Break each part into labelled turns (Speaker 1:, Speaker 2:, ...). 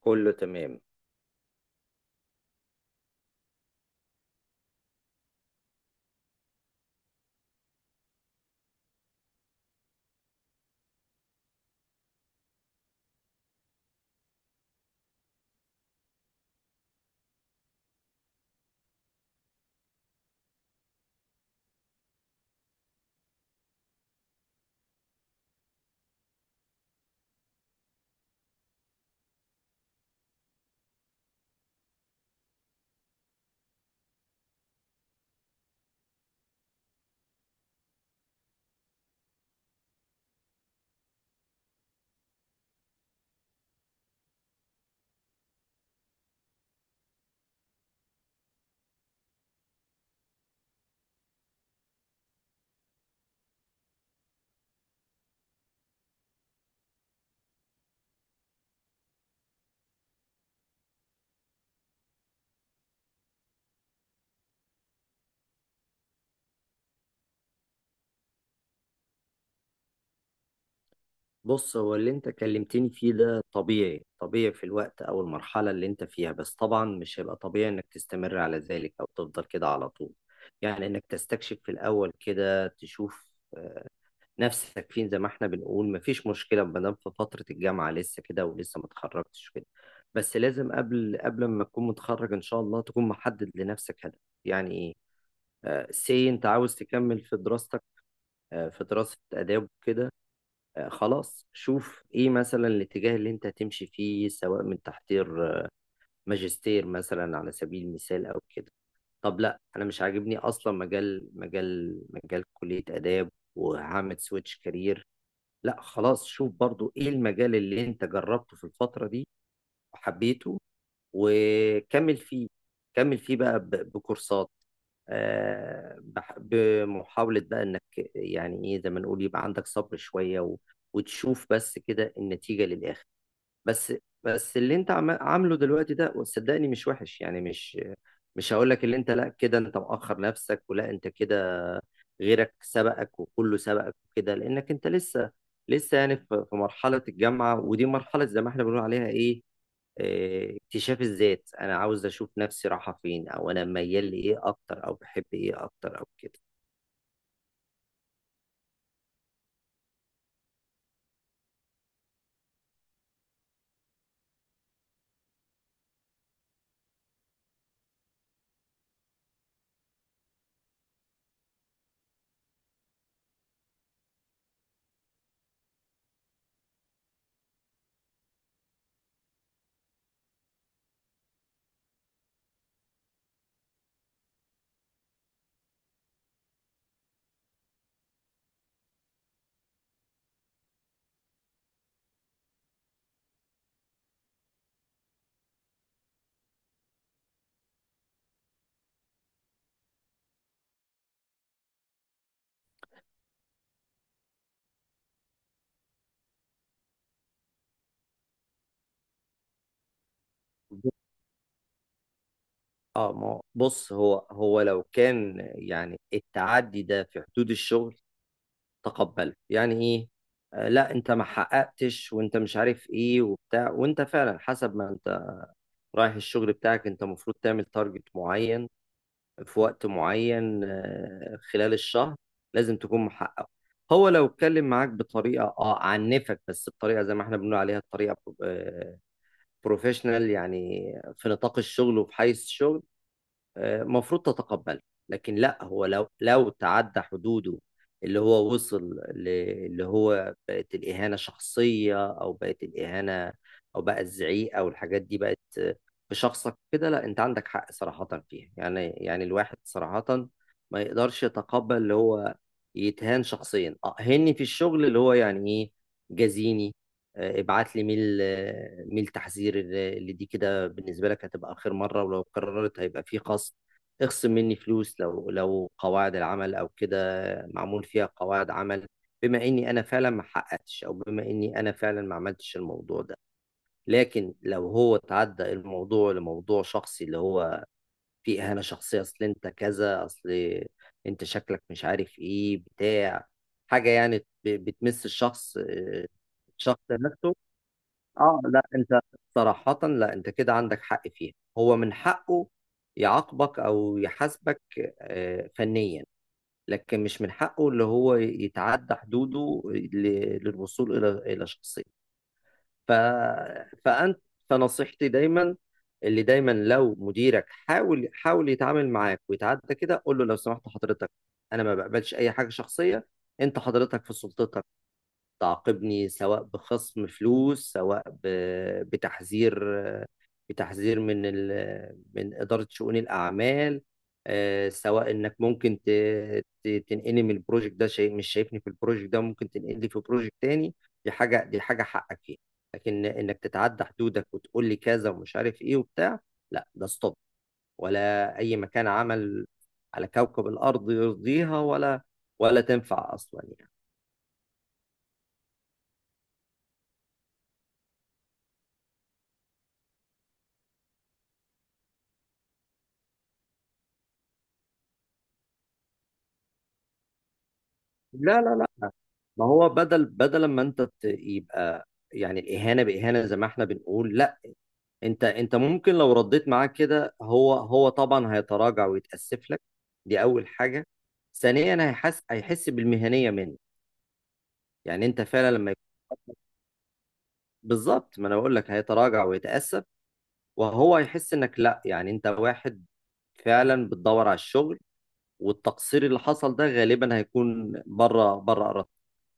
Speaker 1: كله تمام. بص، هو اللي انت كلمتني فيه ده طبيعي في الوقت او المرحلة اللي انت فيها، بس طبعا مش هيبقى طبيعي انك تستمر على ذلك او تفضل كده على طول. يعني انك تستكشف في الاول كده، تشوف نفسك فين. زي ما احنا بنقول مفيش مشكلة ما دام في فترة الجامعة لسه كده ولسه ما اتخرجتش كده، بس لازم قبل ما تكون متخرج ان شاء الله تكون محدد لنفسك هدف. يعني ايه؟ سي انت عاوز تكمل في دراستك، في دراسة آداب وكده، خلاص شوف ايه مثلا الاتجاه اللي انت هتمشي فيه، سواء من تحضير ماجستير مثلا على سبيل المثال او كده. طب لا انا مش عاجبني اصلا مجال كلية آداب وهعمل سويتش كارير. لا خلاص، شوف برضو ايه المجال اللي انت جربته في الفترة دي وحبيته، وكمل فيه. كمل فيه بقى بكورسات، بمحاولة بقى انك يعني ايه، زي ما نقول يبقى عندك صبر شوية وتشوف بس كده النتيجة للآخر. بس، اللي انت عامله دلوقتي ده وصدقني مش وحش، يعني مش هقول لك اللي انت لا كده انت مؤخر نفسك، ولا انت كده غيرك سبقك وكله سبقك وكده، لانك انت لسه يعني في مرحلة الجامعة، ودي مرحلة زي ما احنا بنقول عليها ايه، اكتشاف الذات. انا عاوز اشوف نفسي رايحه فين، او انا ميال لايه اكتر، او بحب ايه اكتر او كده. اه، ما هو- بص، هو لو كان يعني التعدي ده في حدود الشغل تقبله، يعني ايه، آه لا انت ما حققتش وانت مش عارف ايه وبتاع، وانت فعلا حسب ما انت رايح الشغل بتاعك انت المفروض تعمل تارجت معين في وقت معين، خلال الشهر لازم تكون محقق. هو لو اتكلم معاك بطريقة اه عنفك بس بطريقة زي ما احنا بنقول عليها الطريقة بروفيشنال، يعني في نطاق الشغل وفي حيز الشغل، المفروض تتقبله. لكن لا، هو لو تعدى حدوده، اللي هو وصل ل- اللي هو بقت الإهانة شخصية، أو بقت الإهانة أو بقى الزعيق أو الحاجات دي بقت بشخصك كده، لا أنت عندك حق صراحة فيها. يعني الواحد صراحة ما يقدرش يتقبل اللي هو يتهان شخصيا أهني في الشغل، اللي هو يعني إيه، جازيني، ابعت لي ميل، ميل تحذير اللي دي كده بالنسبة لك هتبقى آخر مرة، ولو قررت هيبقى فيه خصم، اخصم مني فلوس، لو قواعد العمل أو كده معمول فيها قواعد عمل، بما إني أنا فعلا ما حققتش، أو بما إني أنا فعلا ما عملتش الموضوع ده. لكن لو هو تعدى الموضوع لموضوع شخصي، اللي هو فيه إهانة شخصية، أصل أنت كذا، أصل أنت شكلك مش عارف إيه بتاع حاجة يعني، بتمس الشخص، الشخص نفسه، اه لا انت صراحة لا انت كده عندك حق فيها. هو من حقه يعاقبك او يحاسبك فنيا، لكن مش من حقه اللي هو يتعدى حدوده للوصول الى شخصية. ف... فانت، فنصيحتي دايما اللي دايما لو مديرك حاول يتعامل معاك ويتعدى كده، قول له لو سمحت حضرتك، انا ما بقبلش اي حاجة شخصية. انت حضرتك في سلطتك تعاقبني سواء بخصم فلوس، سواء بتحذير، بتحذير من إدارة شؤون الأعمال، سواء إنك ممكن تنقلني من البروجكت ده، شيء مش شايفني في البروجكت ده ممكن تنقلني في بروجكت تاني. دي حاجة، حقك فيها. لكن إنك تتعدى حدودك وتقول لي كذا ومش عارف إيه وبتاع، لا ده ستوب، ولا أي مكان عمل على كوكب الأرض يرضيها، ولا تنفع أصلا يعني. لا لا لا، ما هو بدل ما انت يبقى يعني الاهانه باهانه زي ما احنا بنقول، لا انت، ممكن لو رديت معاه كده هو، طبعا هيتراجع ويتاسف لك، دي اول حاجه. ثانيا هيحس، بالمهنيه منك. يعني انت فعلا بالظبط ما انا بقول لك، هيتراجع ويتاسف، وهو هيحس انك لا يعني انت واحد فعلا بتدور على الشغل، والتقصير اللي حصل ده غالبا هيكون بره ارادتك،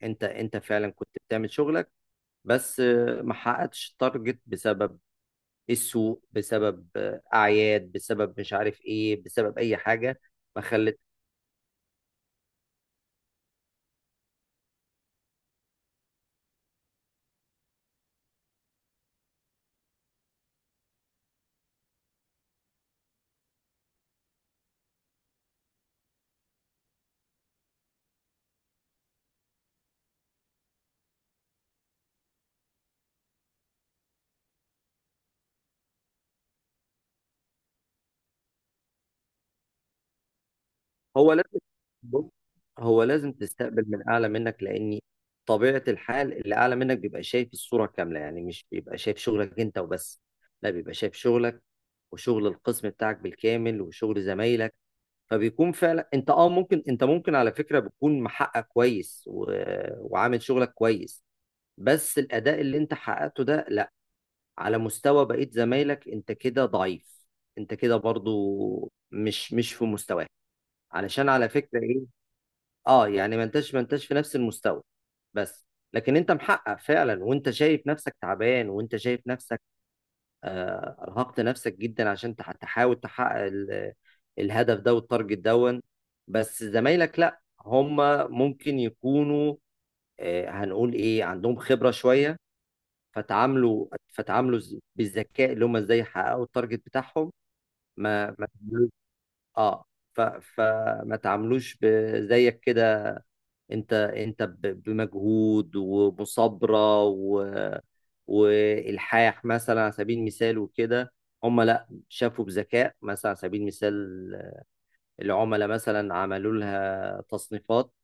Speaker 1: انت، فعلا كنت بتعمل شغلك، بس ما حققتش التارجت بسبب السوق، بسبب اعياد، بسبب مش عارف ايه، بسبب اي حاجه ما خلت. هو لازم، بص، هو لازم تستقبل من اعلى منك، لان طبيعه الحال اللي اعلى منك بيبقى شايف الصوره كامله. يعني مش بيبقى شايف شغلك انت وبس، لا بيبقى شايف شغلك وشغل القسم بتاعك بالكامل وشغل زمايلك. فبيكون فعلا انت اه ممكن، ممكن على فكره بتكون محقق كويس وعامل شغلك كويس، بس الأداء اللي أنت حققته ده لأ، على مستوى بقية زمايلك أنت كده ضعيف، أنت كده برضو مش في مستواك، علشان على فكرة إيه، أه يعني ما أنتش في نفس المستوى بس. لكن أنت محقق فعلا، وأنت شايف نفسك تعبان، وأنت شايف نفسك أرهقت نفسك جدا عشان تحاول تحقق الهدف ده والتارجت دون. بس زمايلك لأ، هم ممكن يكونوا هنقول إيه عندهم خبرة شوية، فتعاملوا بالذكاء اللي هم ازاي يحققوا التارجت بتاعهم. ما ما تعملوش- اه فما تعاملوش زيك كده، انت، بمجهود ومصابرة والحاح مثلا على سبيل المثال وكده. هم لا شافوا بذكاء مثلا على سبيل المثال، العملاء مثلا عملوا لها تصنيفات،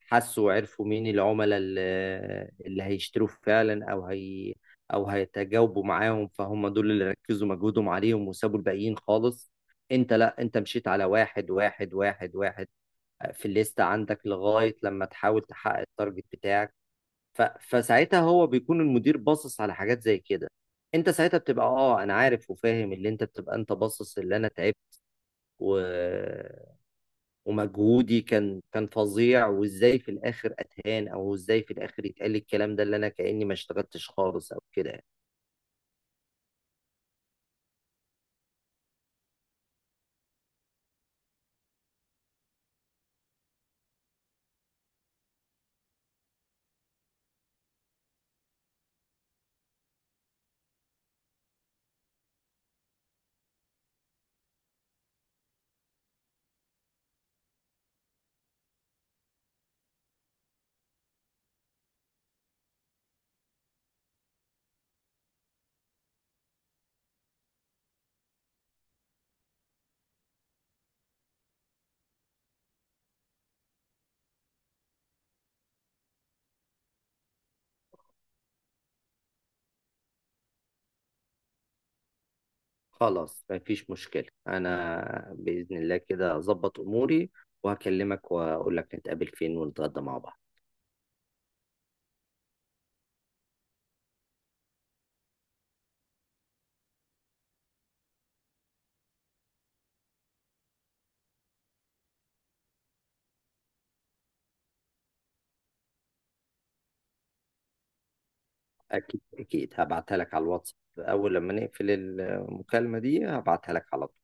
Speaker 1: حسوا وعرفوا مين العملاء اللي هيشتروا فعلا او هي او هيتجاوبوا معاهم، فهم دول اللي ركزوا مجهودهم عليهم وسابوا الباقيين خالص. انت لا، انت مشيت على واحد في الليستة عندك لغاية لما تحاول تحقق التارجت بتاعك. فساعتها هو بيكون المدير باصص على حاجات زي كده، انت ساعتها بتبقى اه انا عارف وفاهم اللي انت بتبقى انت باصص، اللي انا تعبت و... ومجهودي كان فظيع، وازاي في الاخر اتهان، او ازاي في الاخر يتقال الكلام ده اللي انا كاني ما اشتغلتش خالص او كده يعني. خلاص مفيش مشكله، انا باذن الله كده اظبط اموري وهكلمك واقول لك نتقابل فين ونتغدى مع بعض. اكيد هبعتها لك على الواتس، اول لما نقفل المكالمه دي هبعتها لك على طول.